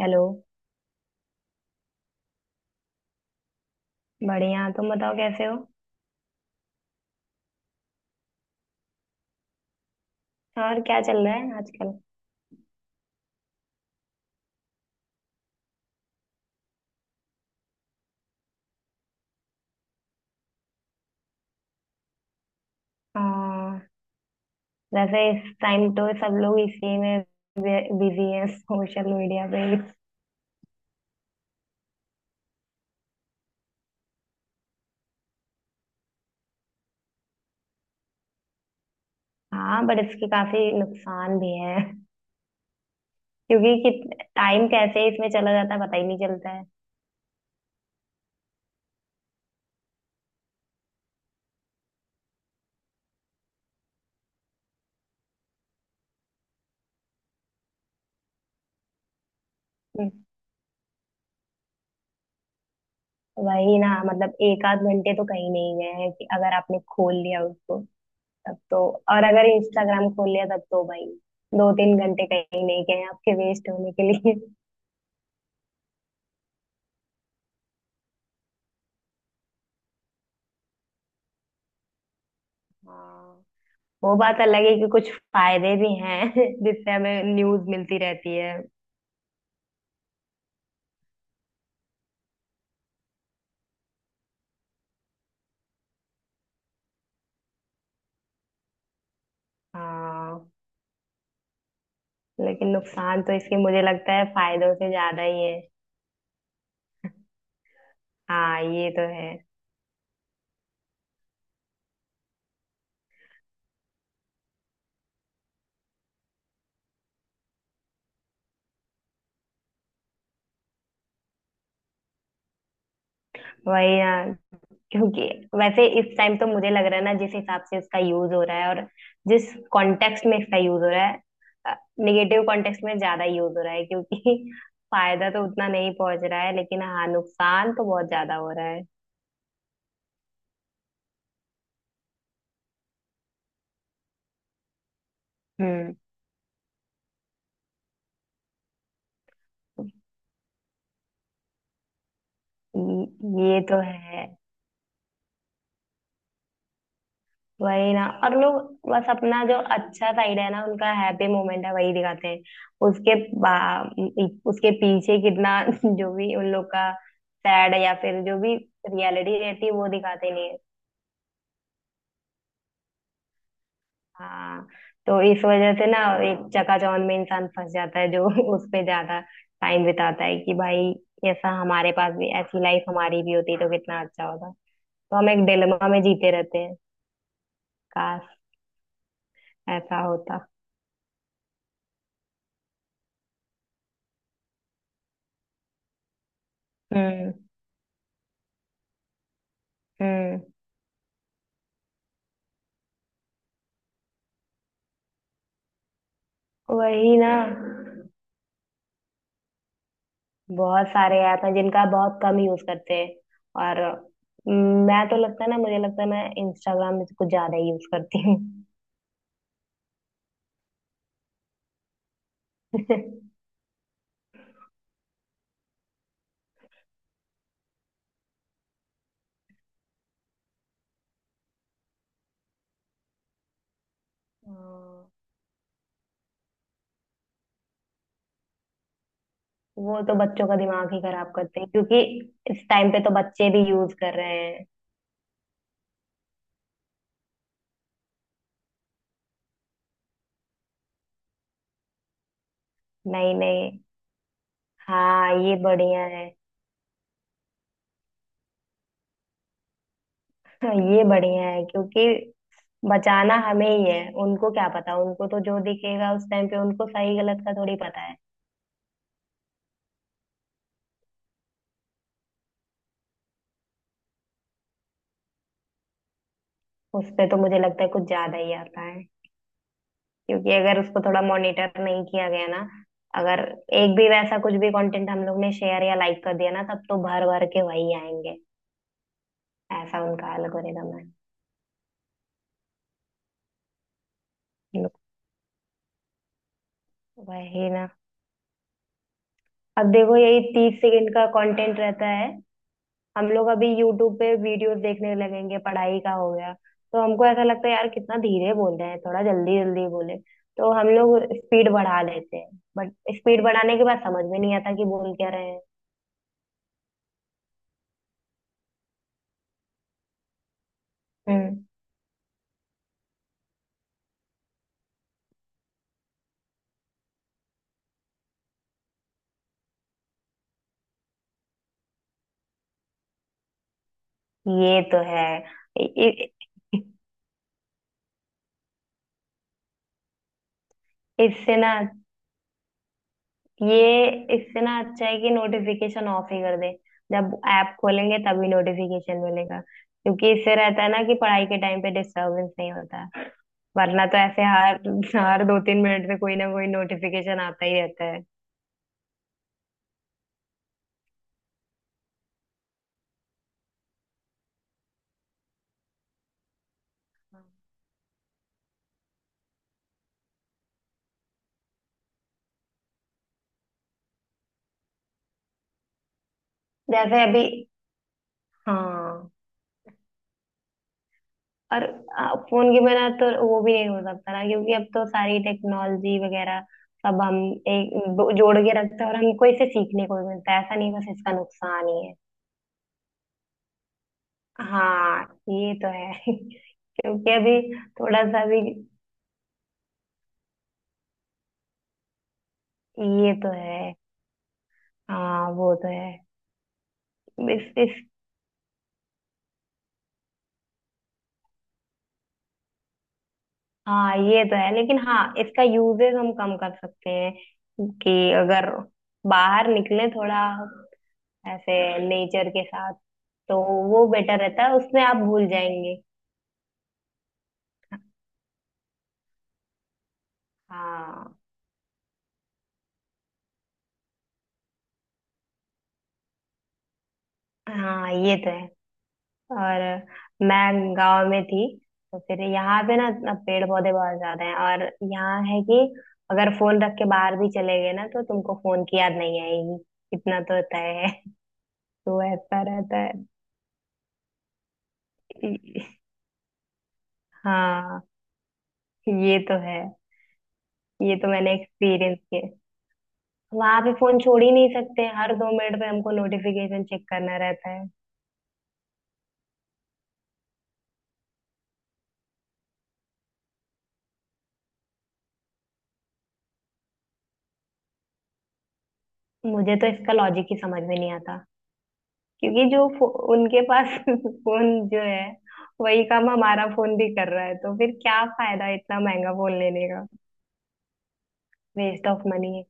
Hello. बढ़िया, तुम बताओ कैसे हो। और क्या चल रहा है आजकल। हाँ। वैसे इस टाइम तो सब लोग इसी में बिजी हैं, सोशल मीडिया पे भी। हाँ, बट इसके काफी नुकसान भी हैं क्योंकि कि टाइम कैसे इसमें चला जाता है पता ही नहीं चलता है। हम्म, वही ना, मतलब एक आध घंटे तो कहीं नहीं गए हैं कि अगर आपने खोल लिया उसको तब तो। और अगर इंस्टाग्राम खोल लिया तब तो भाई 2-3 घंटे कहीं नहीं गए हैं आपके वेस्ट होने के लिए। हाँ। वो बात अलग है कि कुछ फायदे भी हैं, जिससे हमें न्यूज मिलती रहती है। हाँ, लेकिन नुकसान तो इसके मुझे लगता है फायदों से ज्यादा ही है। हाँ, ये तो है। वही ना, क्योंकि वैसे इस टाइम तो मुझे लग रहा है ना जिस हिसाब से इसका यूज हो रहा है, और जिस कॉन्टेक्स्ट में इसका यूज हो रहा है, निगेटिव कॉन्टेक्स्ट में ज्यादा यूज हो रहा है क्योंकि फायदा तो उतना नहीं पहुंच रहा है, लेकिन हाँ नुकसान तो बहुत ज्यादा हो रहा है। हम्म। ये तो है। वही ना, और लोग बस अपना जो अच्छा साइड है ना, उनका हैप्पी मोमेंट है वही दिखाते हैं। उसके पीछे कितना जो भी उन लोग का सैड या फिर जो भी रियलिटी रहती है वो दिखाते नहीं है। हाँ। तो इस वजह से ना एक चकाचौंध में इंसान फंस जाता है, जो उस पे ज्यादा टाइम बिताता है कि भाई ऐसा हमारे पास भी ऐसी लाइफ हमारी भी होती तो कितना अच्छा होता। तो हम एक डिलेमा में जीते रहते हैं, काश ऐसा होता। हम्म। हम्म। वही ना, बहुत सारे ऐप हैं जिनका बहुत कम यूज करते हैं। और मैं तो लगता है ना, मुझे लगता है मैं इंस्टाग्राम में से कुछ ज्यादा ही यूज करती हूँ। हाँ। वो तो बच्चों का दिमाग ही खराब करते हैं, क्योंकि इस टाइम पे तो बच्चे भी यूज कर रहे हैं। नहीं नहीं। हाँ, ये बढ़िया है। हाँ, ये बढ़िया है, क्योंकि बचाना हमें ही है, उनको क्या पता, उनको तो जो दिखेगा उस टाइम पे उनको सही गलत का थोड़ी पता है। उस पे तो मुझे लगता है कुछ ज्यादा ही आता, क्योंकि अगर उसको थोड़ा मॉनिटर नहीं किया गया ना, अगर एक भी वैसा कुछ भी कंटेंट हम लोग ने शेयर या लाइक कर दिया ना, तब तो भर भर के वही आएंगे, ऐसा उनका एल्गोरिदम है। हम लोग- वही ना, अब देखो यही 30 सेकंड का कंटेंट रहता है। हम लोग अभी यूट्यूब पे वीडियोस देखने लगेंगे, पढ़ाई का हो गया। तो हमको ऐसा लगता है यार कितना धीरे बोल रहे हैं, थोड़ा जल्दी जल्दी बोले। तो हम लोग स्पीड बढ़ा लेते हैं, बट स्पीड बढ़ाने के बाद समझ में नहीं आता कि बोल क्या रहे हैं। हम्म। ये तो है। इ- इ- इससे ना ये इससे ना अच्छा है कि नोटिफिकेशन ऑफ ही कर दे। जब ऐप खोलेंगे तभी नोटिफिकेशन मिलेगा, क्योंकि इससे रहता है ना कि पढ़ाई के टाइम पे डिस्टरबेंस नहीं होता है। वरना तो ऐसे हर हर 2-3 मिनट पे कोई ना कोई नोटिफिकेशन आता ही रहता है। जैसे अभी। हाँ। और फोन के बिना तो वो भी नहीं हो सकता ना, क्योंकि अब तो सारी टेक्नोलॉजी वगैरह सब हम एक जोड़ के रखते हैं, और हमको इसे सीखने को भी मिलता है, ऐसा नहीं बस इसका नुकसान ही है। हाँ, ये तो है। क्योंकि अभी थोड़ा सा भी ये तो है। हाँ, वो तो है। इस। हाँ ये तो है, लेकिन हाँ इसका यूजेस हम कम कर सकते हैं कि अगर बाहर निकले थोड़ा ऐसे नेचर के साथ, तो वो बेटर रहता है, उसमें आप भूल जाएंगे। हाँ। हाँ, ये तो है। और मैं गांव में थी, तो फिर यहाँ पे ना इतना पेड़ पौधे बहुत ज्यादा हैं, और यहाँ है कि अगर फोन रख के बाहर भी चले गए ना तो तुमको फोन की याद नहीं आएगी, इतना तो तय है। तो ऐसा रहता है। हाँ, ये तो है। ये तो मैंने एक्सपीरियंस किया। वहां पे फोन छोड़ ही नहीं सकते, हर 2 मिनट पे हमको नोटिफिकेशन चेक करना रहता है। मुझे तो इसका लॉजिक ही समझ में नहीं आता, क्योंकि उनके पास फोन जो है वही काम हमारा फोन भी कर रहा है, तो फिर क्या फायदा इतना महंगा फोन लेने का। वेस्ट ऑफ मनी है।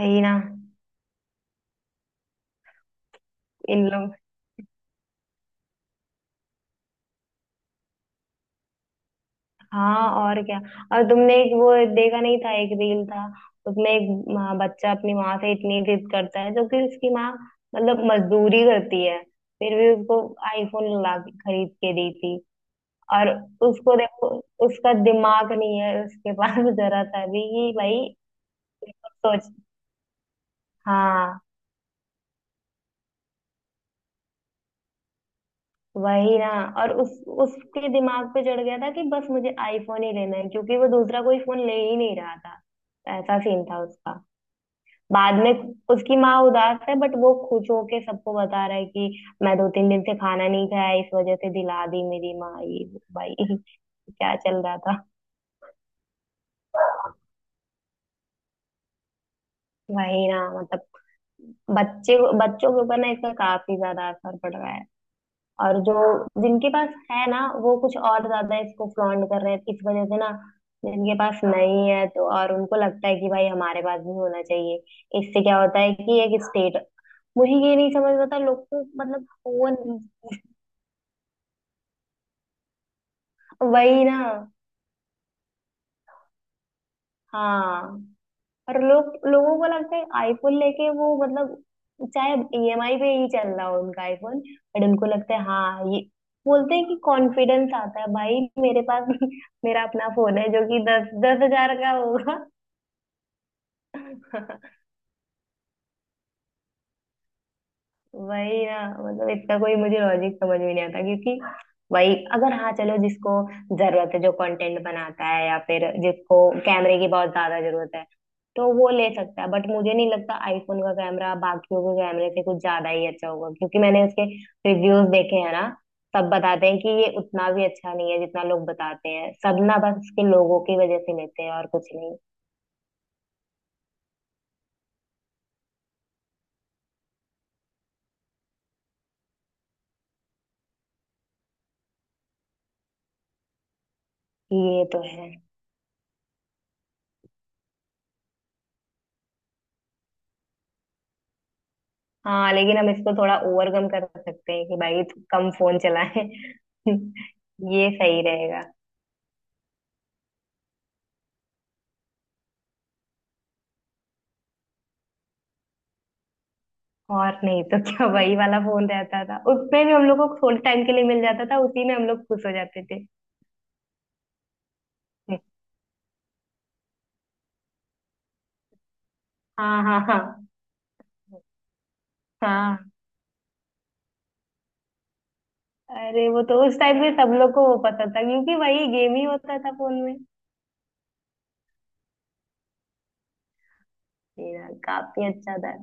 वही ना। इन लोग। हाँ, और क्या। और तुमने एक वो देखा नहीं था, एक रील था, उसमें एक बच्चा अपनी माँ से इतनी जिद करता है, जो कि उसकी माँ मतलब मजदूरी करती है, फिर भी उसको आईफोन ला के खरीद के दी थी। और उसको देखो, उसका दिमाग नहीं है उसके पास जरा सा भी कि भाई सोचना। हाँ। वही ना, और उस उसके दिमाग पे चढ़ गया था कि बस मुझे आईफोन ही लेना है, क्योंकि वो दूसरा कोई फोन ले ही नहीं रहा था। ऐसा सीन था उसका। बाद में उसकी माँ उदास है, बट वो खुश होके सबको बता रहा है कि मैं 2-3 दिन से खाना नहीं खाया, इस वजह से दिला दी मेरी माँ ये वो। भाई क्या चल रहा था। वही ना, मतलब बच्चे बच्चों के ऊपर ना इसका काफी ज्यादा असर पड़ रहा है। और जो जिनके पास है ना वो कुछ और ज्यादा इसको फ्लॉन्ट कर रहे हैं, इस वजह से ना जिनके पास नहीं है तो और उनको लगता है कि भाई हमारे पास भी होना चाहिए। इससे क्या होता है कि एक स्टेट, मुझे ये नहीं समझ में आता लोग को, मतलब फोन। वही ना। हाँ, और लोग लोगों को लगता है आईफोन लेके वो मतलब, चाहे ईएमआई पे ही चल रहा हो उनका आईफोन, बट उनको लगता है हाँ ये, बोलते हैं कि कॉन्फिडेंस आता है भाई मेरे पास मेरा अपना फोन है, जो कि 10-10 हज़ार का होगा। वही ना, मतलब इतना कोई मुझे लॉजिक समझ में नहीं आता, क्योंकि वही अगर, हाँ चलो जिसको जरूरत है, जो कंटेंट बनाता है या फिर जिसको कैमरे की बहुत ज्यादा जरूरत है, तो वो ले सकता है। बट मुझे नहीं लगता आईफोन का कैमरा बाकियों के कैमरे से कुछ ज्यादा ही अच्छा होगा, क्योंकि मैंने उसके रिव्यूज देखे हैं ना, सब बताते हैं कि ये उतना भी अच्छा नहीं है जितना लोग बताते हैं, सब ना बस उसके लोगों की वजह से लेते हैं और कुछ नहीं। ये तो है। हाँ, लेकिन हम इसको थोड़ा ओवरकम कर सकते हैं कि भाई तू कम फोन चलाए। ये सही रहेगा। और नहीं तो क्या, वही वाला फोन रहता था, उसमें भी हम लोग को थोड़े टाइम के लिए मिल जाता था, उसी में हम लोग खुश हो जाते थे। हाँ हाँ हाँ। हाँ। अरे वो तो उस टाइम पे सब लोग को वो पसंद था, क्योंकि वही गेम ही होता था फोन में। मेरा काफी अच्छा था।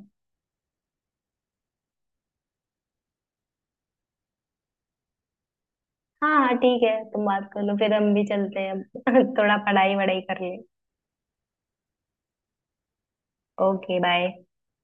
हाँ हाँ, ठीक है, तुम बात कर लो, फिर हम भी चलते हैं अब थोड़ा पढ़ाई वढ़ाई कर ले। Okay bye.